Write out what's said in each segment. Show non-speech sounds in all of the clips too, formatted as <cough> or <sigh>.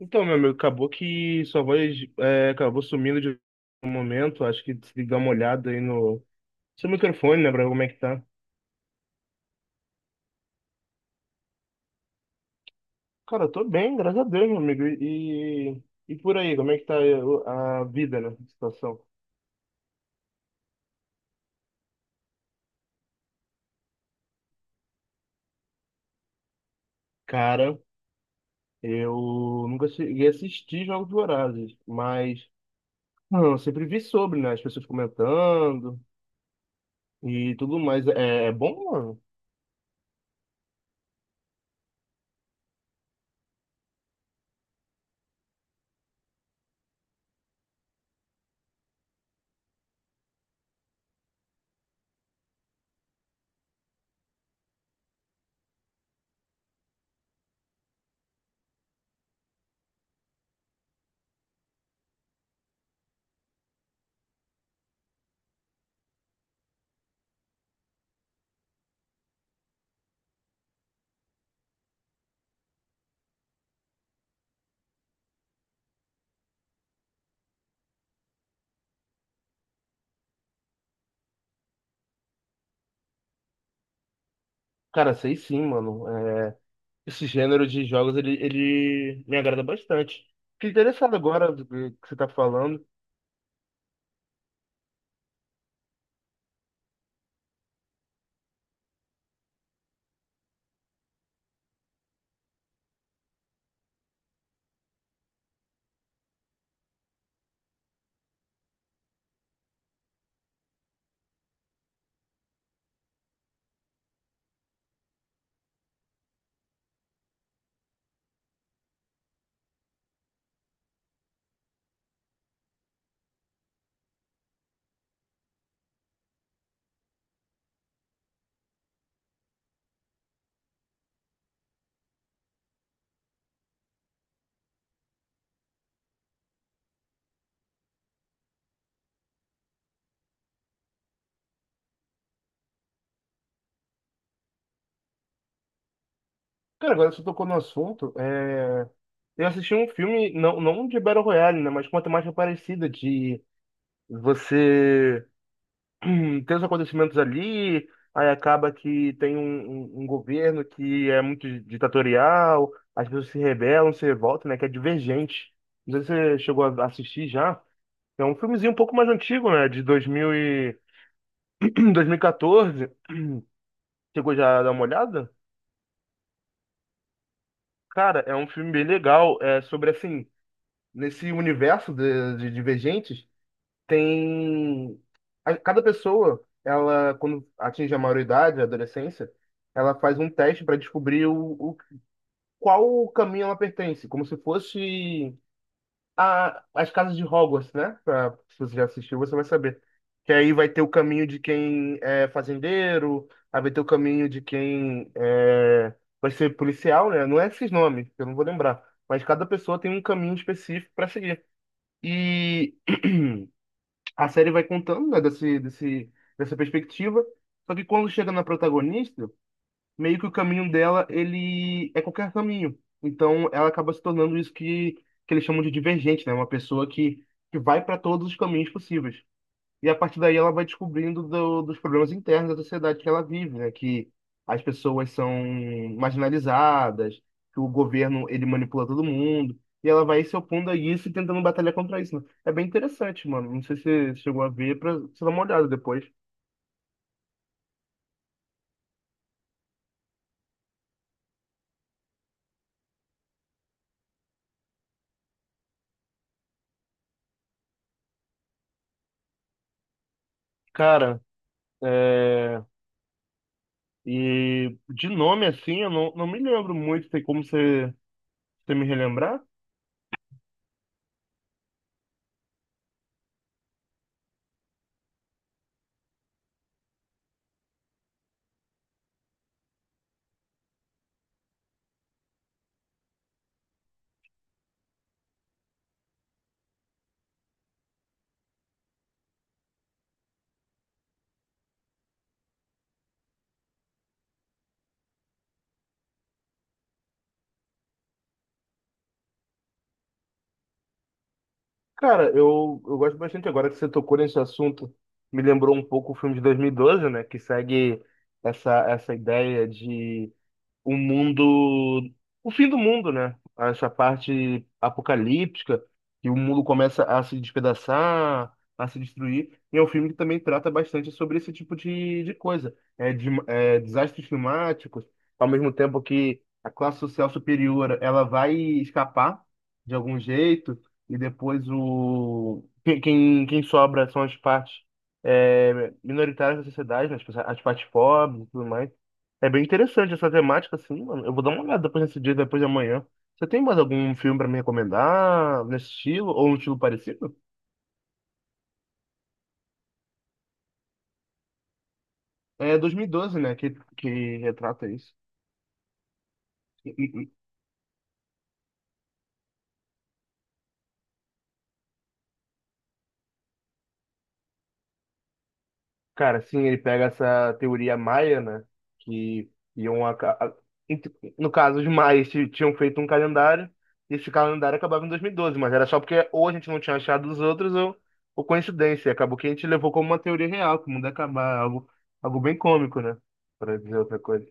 Então, meu amigo, acabou que sua voz acabou sumindo de um momento. Acho que se dá uma olhada aí no seu microfone, né, pra ver como é que tá. Cara, eu tô bem, graças a Deus, meu amigo. E por aí, como é que tá a vida, né, a situação? Cara, eu nunca cheguei a assistir Jogos Vorazes, mas não, eu sempre vi sobre, né, as pessoas comentando e tudo mais. É bom, mano? Cara, sei sim, mano. Esse gênero de jogos, ele me agrada bastante. Fiquei interessado agora do que você tá falando. Cara, agora você tocou no assunto. Eu assisti um filme, não, não de Battle Royale, né? Mas com uma temática parecida, de você ter os acontecimentos ali, aí acaba que tem um governo que é muito ditatorial, as pessoas se rebelam, se revoltam, né? Que é Divergente. Não sei se você chegou a assistir já. É um filmezinho um pouco mais antigo, né? De 2000 e... <clears throat> 2014. Chegou já a dar uma olhada? Cara, é um filme bem legal. É sobre assim, nesse universo de divergentes, tem. Cada pessoa, ela, quando atinge a maioridade, a adolescência, ela faz um teste para descobrir qual caminho ela pertence, como se fosse as casas de Hogwarts, né? Se você já assistiu, você vai saber. Que aí vai ter o caminho de quem é fazendeiro, aí vai ter o caminho de quem é, vai ser policial, né? Não é esses nomes, eu não vou lembrar. Mas cada pessoa tem um caminho específico para seguir. E a série vai contando, né, dessa perspectiva. Só que quando chega na protagonista, meio que o caminho dela, ele é qualquer caminho. Então, ela acaba se tornando isso que eles chamam de divergente, né? Uma pessoa que vai para todos os caminhos possíveis. E a partir daí ela vai descobrindo dos problemas internos da sociedade que ela vive, né? Que as pessoas são marginalizadas, que o governo, ele manipula todo mundo. E ela vai se opondo a isso e tentando batalhar contra isso, né? É bem interessante, mano. Não sei se você chegou a ver, pra você dar uma olhada depois. Cara, e de nome assim, eu não, não me lembro muito, tem como você me relembrar? Cara, eu gosto bastante agora que você tocou nesse assunto. Me lembrou um pouco o filme de 2012, né? Que segue essa ideia de o mundo, o fim do mundo, né? Essa parte apocalíptica, que o mundo começa a se despedaçar, a se destruir. E é um filme que também trata bastante sobre esse tipo de coisa. Desastres climáticos, ao mesmo tempo que a classe social superior, ela vai escapar de algum jeito, e depois o, quem, quem quem sobra são as partes minoritárias da sociedade, né? As partes pobres e tudo mais. É bem interessante essa temática, assim, mano. Eu vou dar uma olhada depois nesse Dia Depois de Amanhã. Você tem mais algum filme pra me recomendar nesse estilo, ou um estilo parecido? É 2012, né, que retrata isso. E- e- e- Cara, sim, ele pega essa teoria maia, né? Que iam. Aca- a- ent- No caso, os maias tinham feito um calendário, e esse calendário acabava em 2012, mas era só porque ou a gente não tinha achado os outros, ou coincidência. Acabou que a gente levou como uma teoria real, que o mundo ia acabar, algo bem cômico, né? Pra dizer outra coisa.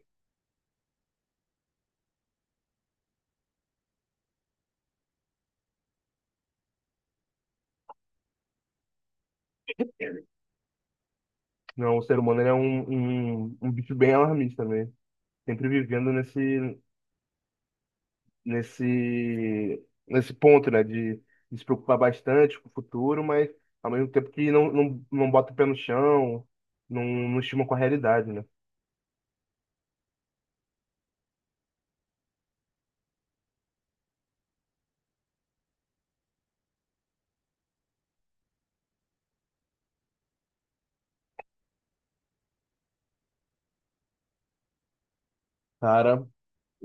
Não, o ser humano ele é um bicho bem alarmista, né? Sempre vivendo nesse ponto, né? De se preocupar bastante com o futuro, mas ao mesmo tempo que não bota o pé no chão, não estima com a realidade, né? Cara,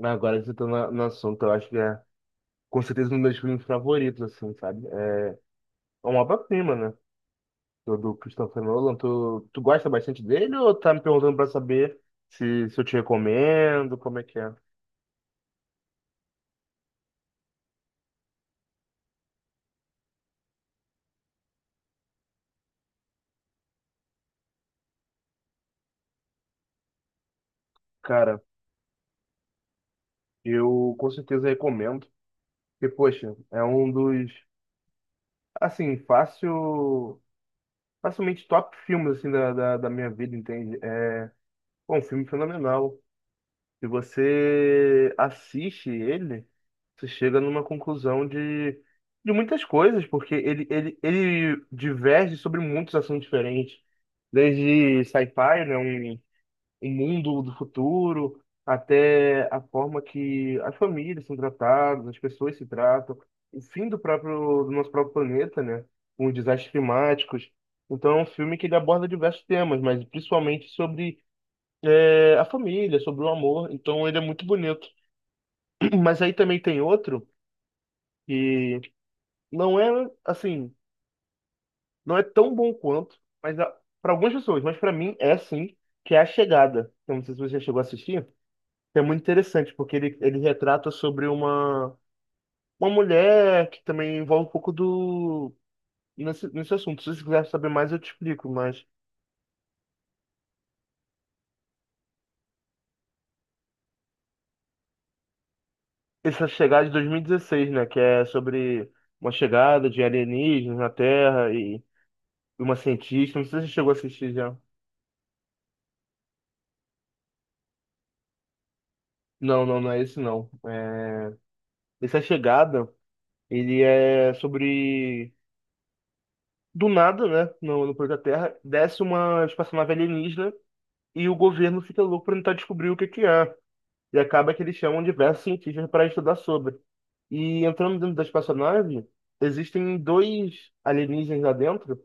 agora que você tá no assunto, eu acho que é com certeza um dos meus filmes favoritos, assim, sabe? É uma obra-prima, né? Do Christopher Nolan. Tu gosta bastante dele ou tá me perguntando pra saber se eu te recomendo, como é que é? Cara. Eu com certeza recomendo, porque, poxa, é um dos, assim, fácil, facilmente top filmes, assim, da minha vida, entende? É, pô, um filme fenomenal. Se você assiste ele, você chega numa conclusão de muitas coisas, porque ele diverge sobre muitos assuntos diferentes, desde sci-fi, né, o mundo do futuro, até a forma que as famílias são tratadas, as pessoas se tratam, o fim do próprio, do nosso próprio planeta, né? Com os desastres climáticos. Então, é um filme que ele aborda diversos temas, mas principalmente sobre a família, sobre o amor. Então, ele é muito bonito. <clears throat> Mas aí também tem outro que não é, assim, não é tão bom quanto, mas para algumas pessoas, mas para mim é sim, que é A Chegada. Eu não sei se você já chegou a assistir. É muito interessante, porque ele retrata sobre uma mulher que também envolve um pouco do. Nesse assunto. Se você quiser saber mais, eu te explico, mas. Essa chegada de 2016, né? Que é sobre uma chegada de alienígenas na Terra e uma cientista. Não sei se você chegou a assistir já. Não, não, não é esse não. É, essa chegada, ele é sobre. Do nada, né? No planeta Terra, desce uma espaçonave alienígena e o governo fica louco pra tentar descobrir o que que é. E acaba que eles chamam diversos cientistas para estudar sobre. E entrando dentro da espaçonave, existem dois alienígenas lá dentro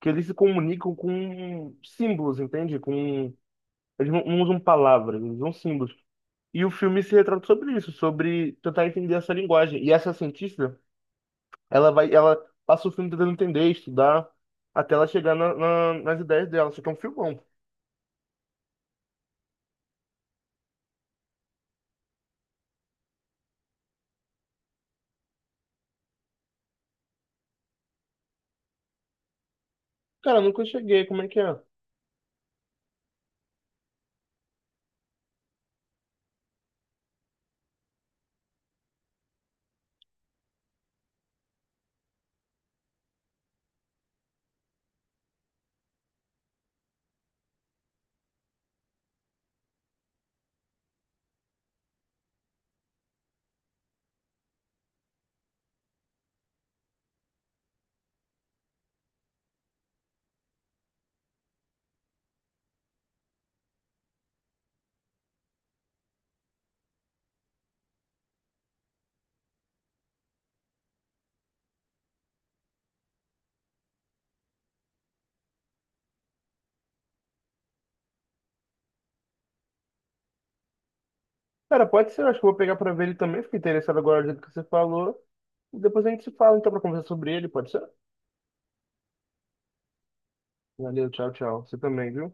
que eles se comunicam com símbolos, entende? Com... Eles não usam palavras, eles usam símbolos. E o filme se retrata sobre isso, sobre tentar entender essa linguagem. E essa cientista, ela vai, ela passa o filme tentando entender, estudar, até ela chegar nas ideias dela. Só que é um filmão. Cara, eu nunca cheguei, como é que é? Cara, pode ser, acho que eu vou pegar pra ver ele também. Fiquei interessado agora do jeito que você falou. Depois a gente se fala então pra conversar sobre ele, pode ser? Valeu, tchau, tchau. Você também, viu?